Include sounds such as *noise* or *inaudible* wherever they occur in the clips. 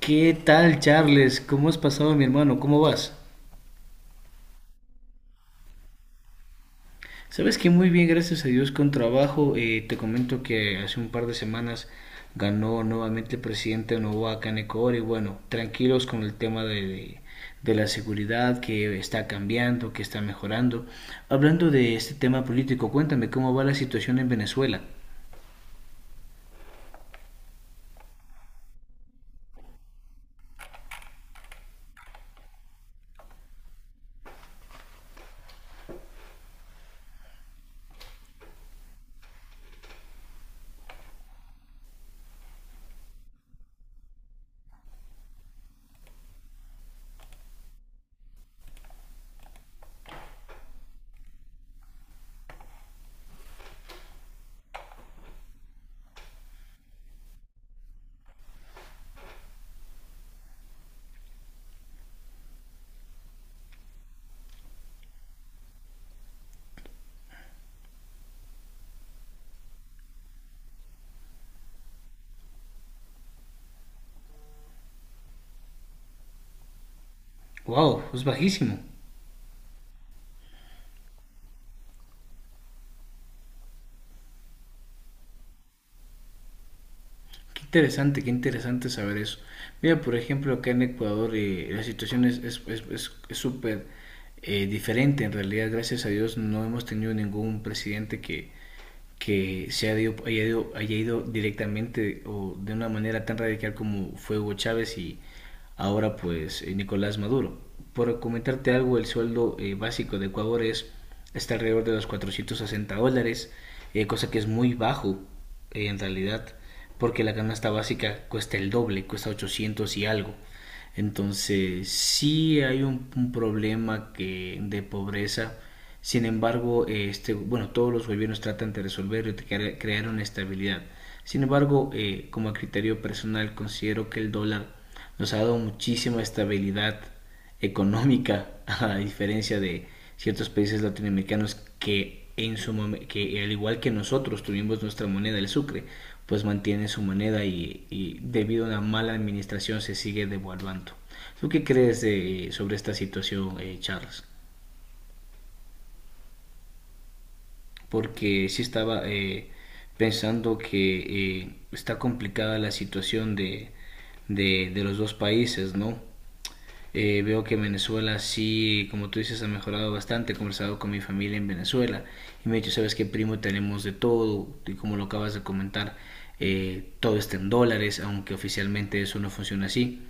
¿Qué tal, Charles? ¿Cómo has pasado, mi hermano? ¿Cómo vas? Sabes que muy bien, gracias a Dios, con trabajo. Te comento que hace un par de semanas ganó nuevamente el presidente Noboa Kaneko y bueno, tranquilos con el tema de la seguridad que está cambiando, que está mejorando. Hablando de este tema político, cuéntame cómo va la situación en Venezuela. Wow, es bajísimo. Qué interesante saber eso. Mira, por ejemplo, acá en Ecuador la situación es súper diferente. En realidad, gracias a Dios, no hemos tenido ningún presidente que se haya ido, directamente o de una manera tan radical como fue Hugo Chávez y ahora pues Nicolás Maduro. Por comentarte algo, el sueldo básico de Ecuador es, está alrededor de los $460, cosa que es muy bajo en realidad, porque la canasta básica cuesta el doble, cuesta 800 y algo. Entonces, sí hay un problema que, de pobreza. Sin embargo, este, bueno, todos los gobiernos tratan de resolverlo y de crear una estabilidad. Sin embargo, como a criterio personal, considero que el dólar nos ha dado muchísima estabilidad económica, *laughs* a diferencia de ciertos países latinoamericanos que, que al igual que nosotros tuvimos nuestra moneda, el sucre, pues mantiene su moneda y debido a una mala administración se sigue devaluando. ¿Tú qué crees sobre esta situación, Charles? Porque sí estaba pensando que está complicada la situación de los dos países, ¿no? Veo que Venezuela sí, como tú dices, ha mejorado bastante. He conversado con mi familia en Venezuela y me ha dicho, sabes qué, primo, tenemos de todo. Y como lo acabas de comentar, todo está en dólares, aunque oficialmente eso no funciona así.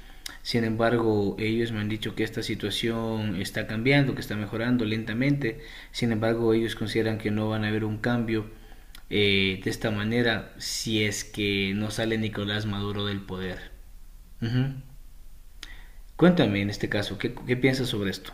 Sin embargo, ellos me han dicho que esta situación está cambiando, que está mejorando lentamente. Sin embargo, ellos consideran que no van a haber un cambio de esta manera si es que no sale Nicolás Maduro del poder. Ujú. Cuéntame en este caso, ¿qué piensas sobre esto?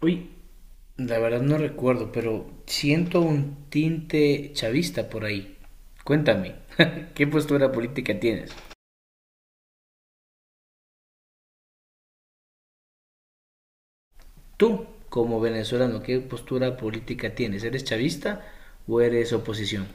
Uy, la verdad no recuerdo, pero siento un tinte chavista por ahí. Cuéntame, *laughs* ¿qué postura política tienes? Tú, como venezolano, ¿qué postura política tienes? ¿Eres chavista o eres oposición?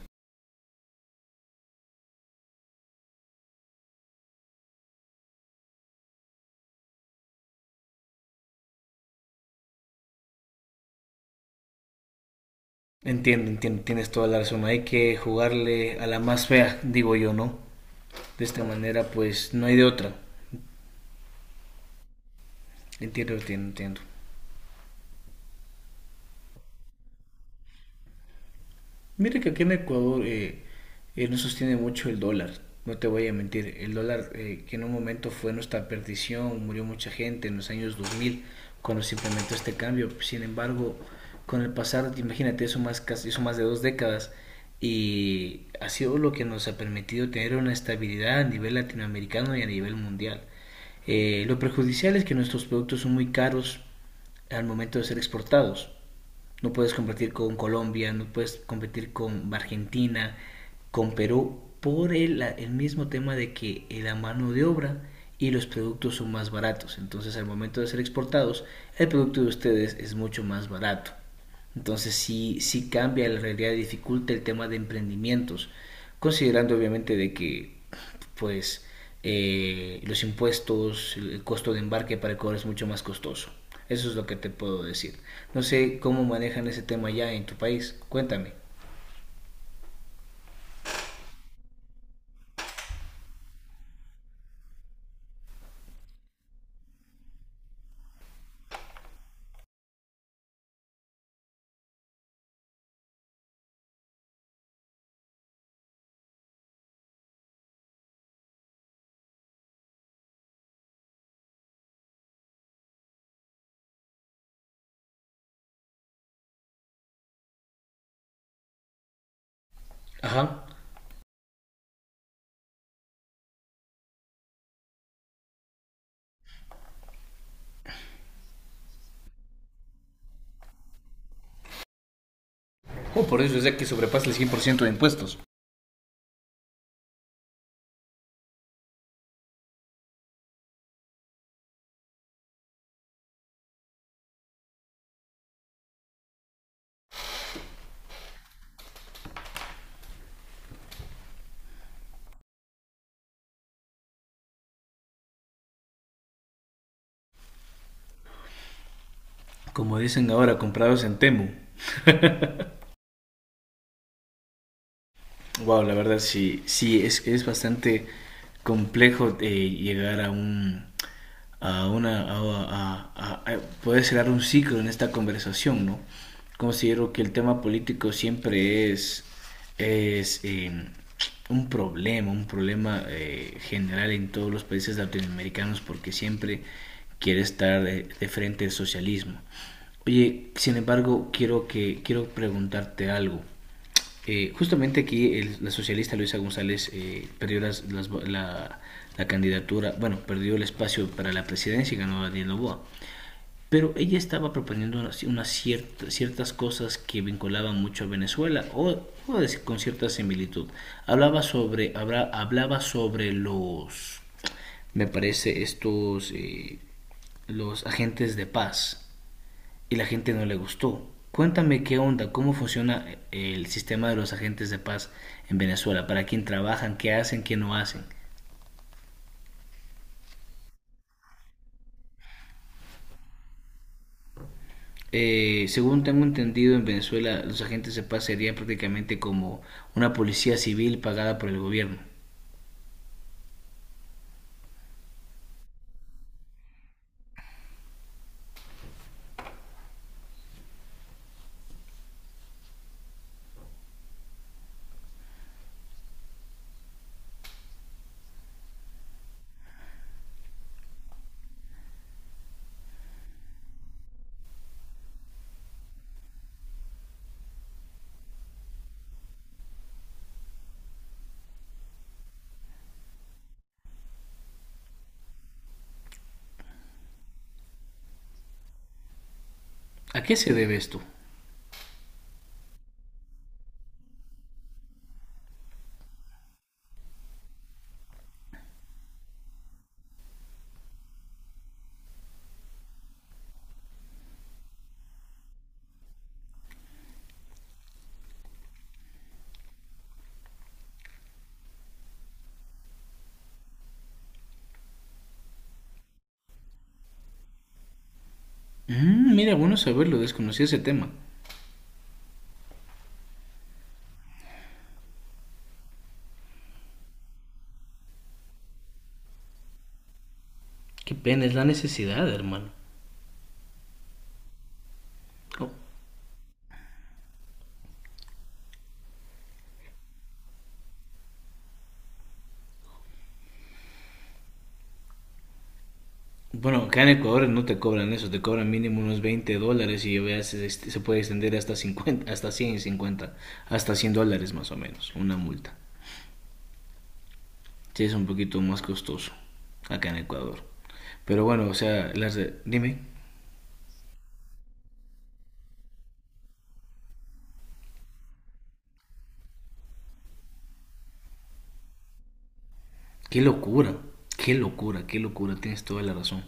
Entiendo, entiendo, tienes toda la razón. Hay que jugarle a la más fea, digo yo, ¿no? De esta manera, pues no hay de otra. Entiendo, entiendo, entiendo. Mire que aquí en Ecuador no sostiene mucho el dólar, no te voy a mentir. El dólar que en un momento fue nuestra perdición, murió mucha gente en los años 2000 cuando se implementó este cambio. Sin embargo, con el pasar, imagínate, eso más de 2 décadas y ha sido lo que nos ha permitido tener una estabilidad a nivel latinoamericano y a nivel mundial. Lo perjudicial es que nuestros productos son muy caros al momento de ser exportados. No puedes competir con Colombia, no puedes competir con Argentina, con Perú, por el mismo tema de que la mano de obra y los productos son más baratos. Entonces al momento de ser exportados, el producto de ustedes es mucho más barato. Entonces sí, sí cambia la realidad, dificulta el tema de emprendimientos, considerando obviamente de que pues los impuestos, el costo de embarque para Ecuador es mucho más costoso. Eso es lo que te puedo decir. No sé cómo manejan ese tema ya en tu país. Cuéntame. Ajá. Oh, por eso es de que sobrepasa el 100% de impuestos. Como dicen ahora, comprados en Temu. Wow, la verdad sí, sí, es bastante complejo llegar a un, a una, a poder cerrar un ciclo en esta conversación, ¿no? Considero que el tema político siempre es un problema general en todos los países latinoamericanos porque siempre quiere estar de frente al socialismo. Oye, sin embargo, quiero preguntarte algo. Justamente aquí la socialista Luisa González perdió la candidatura, bueno, perdió el espacio para la presidencia y ganó a Daniel Noboa. Pero ella estaba proponiendo unas ciertas cosas que vinculaban mucho a Venezuela o, con cierta similitud. Hablaba sobre los, me parece, estos, los agentes de paz y la gente no le gustó. Cuéntame qué onda, cómo funciona el sistema de los agentes de paz en Venezuela, para quién trabajan, qué hacen, qué no hacen. Según tengo entendido, en Venezuela los agentes de paz serían prácticamente como una policía civil pagada por el gobierno. ¿A qué se debe esto? Mm, mira, bueno saberlo, desconocí ese tema. Qué pena, es la necesidad, hermano. Oh, bueno, acá en Ecuador no te cobran eso, te cobran mínimo unos $20 y a veces este, se puede extender hasta 50, hasta 150, hasta $100 más o menos, una multa. Sí, es un poquito más costoso acá en Ecuador. Pero bueno, o sea, dime, qué locura, qué locura, qué locura, tienes toda la razón.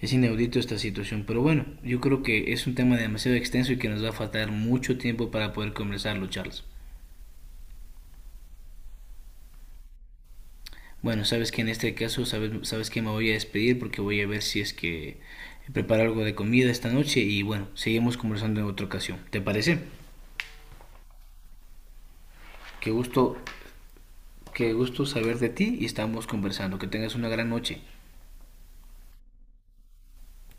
Es inaudito esta situación, pero bueno, yo creo que es un tema demasiado extenso y que nos va a faltar mucho tiempo para poder conversarlo, Charles. Bueno, sabes que en este caso, sabes que me voy a despedir porque voy a ver si es que preparo algo de comida esta noche y bueno, seguimos conversando en otra ocasión. ¿Te parece? Qué gusto, qué gusto saber de ti y estamos conversando. Que tengas una gran noche.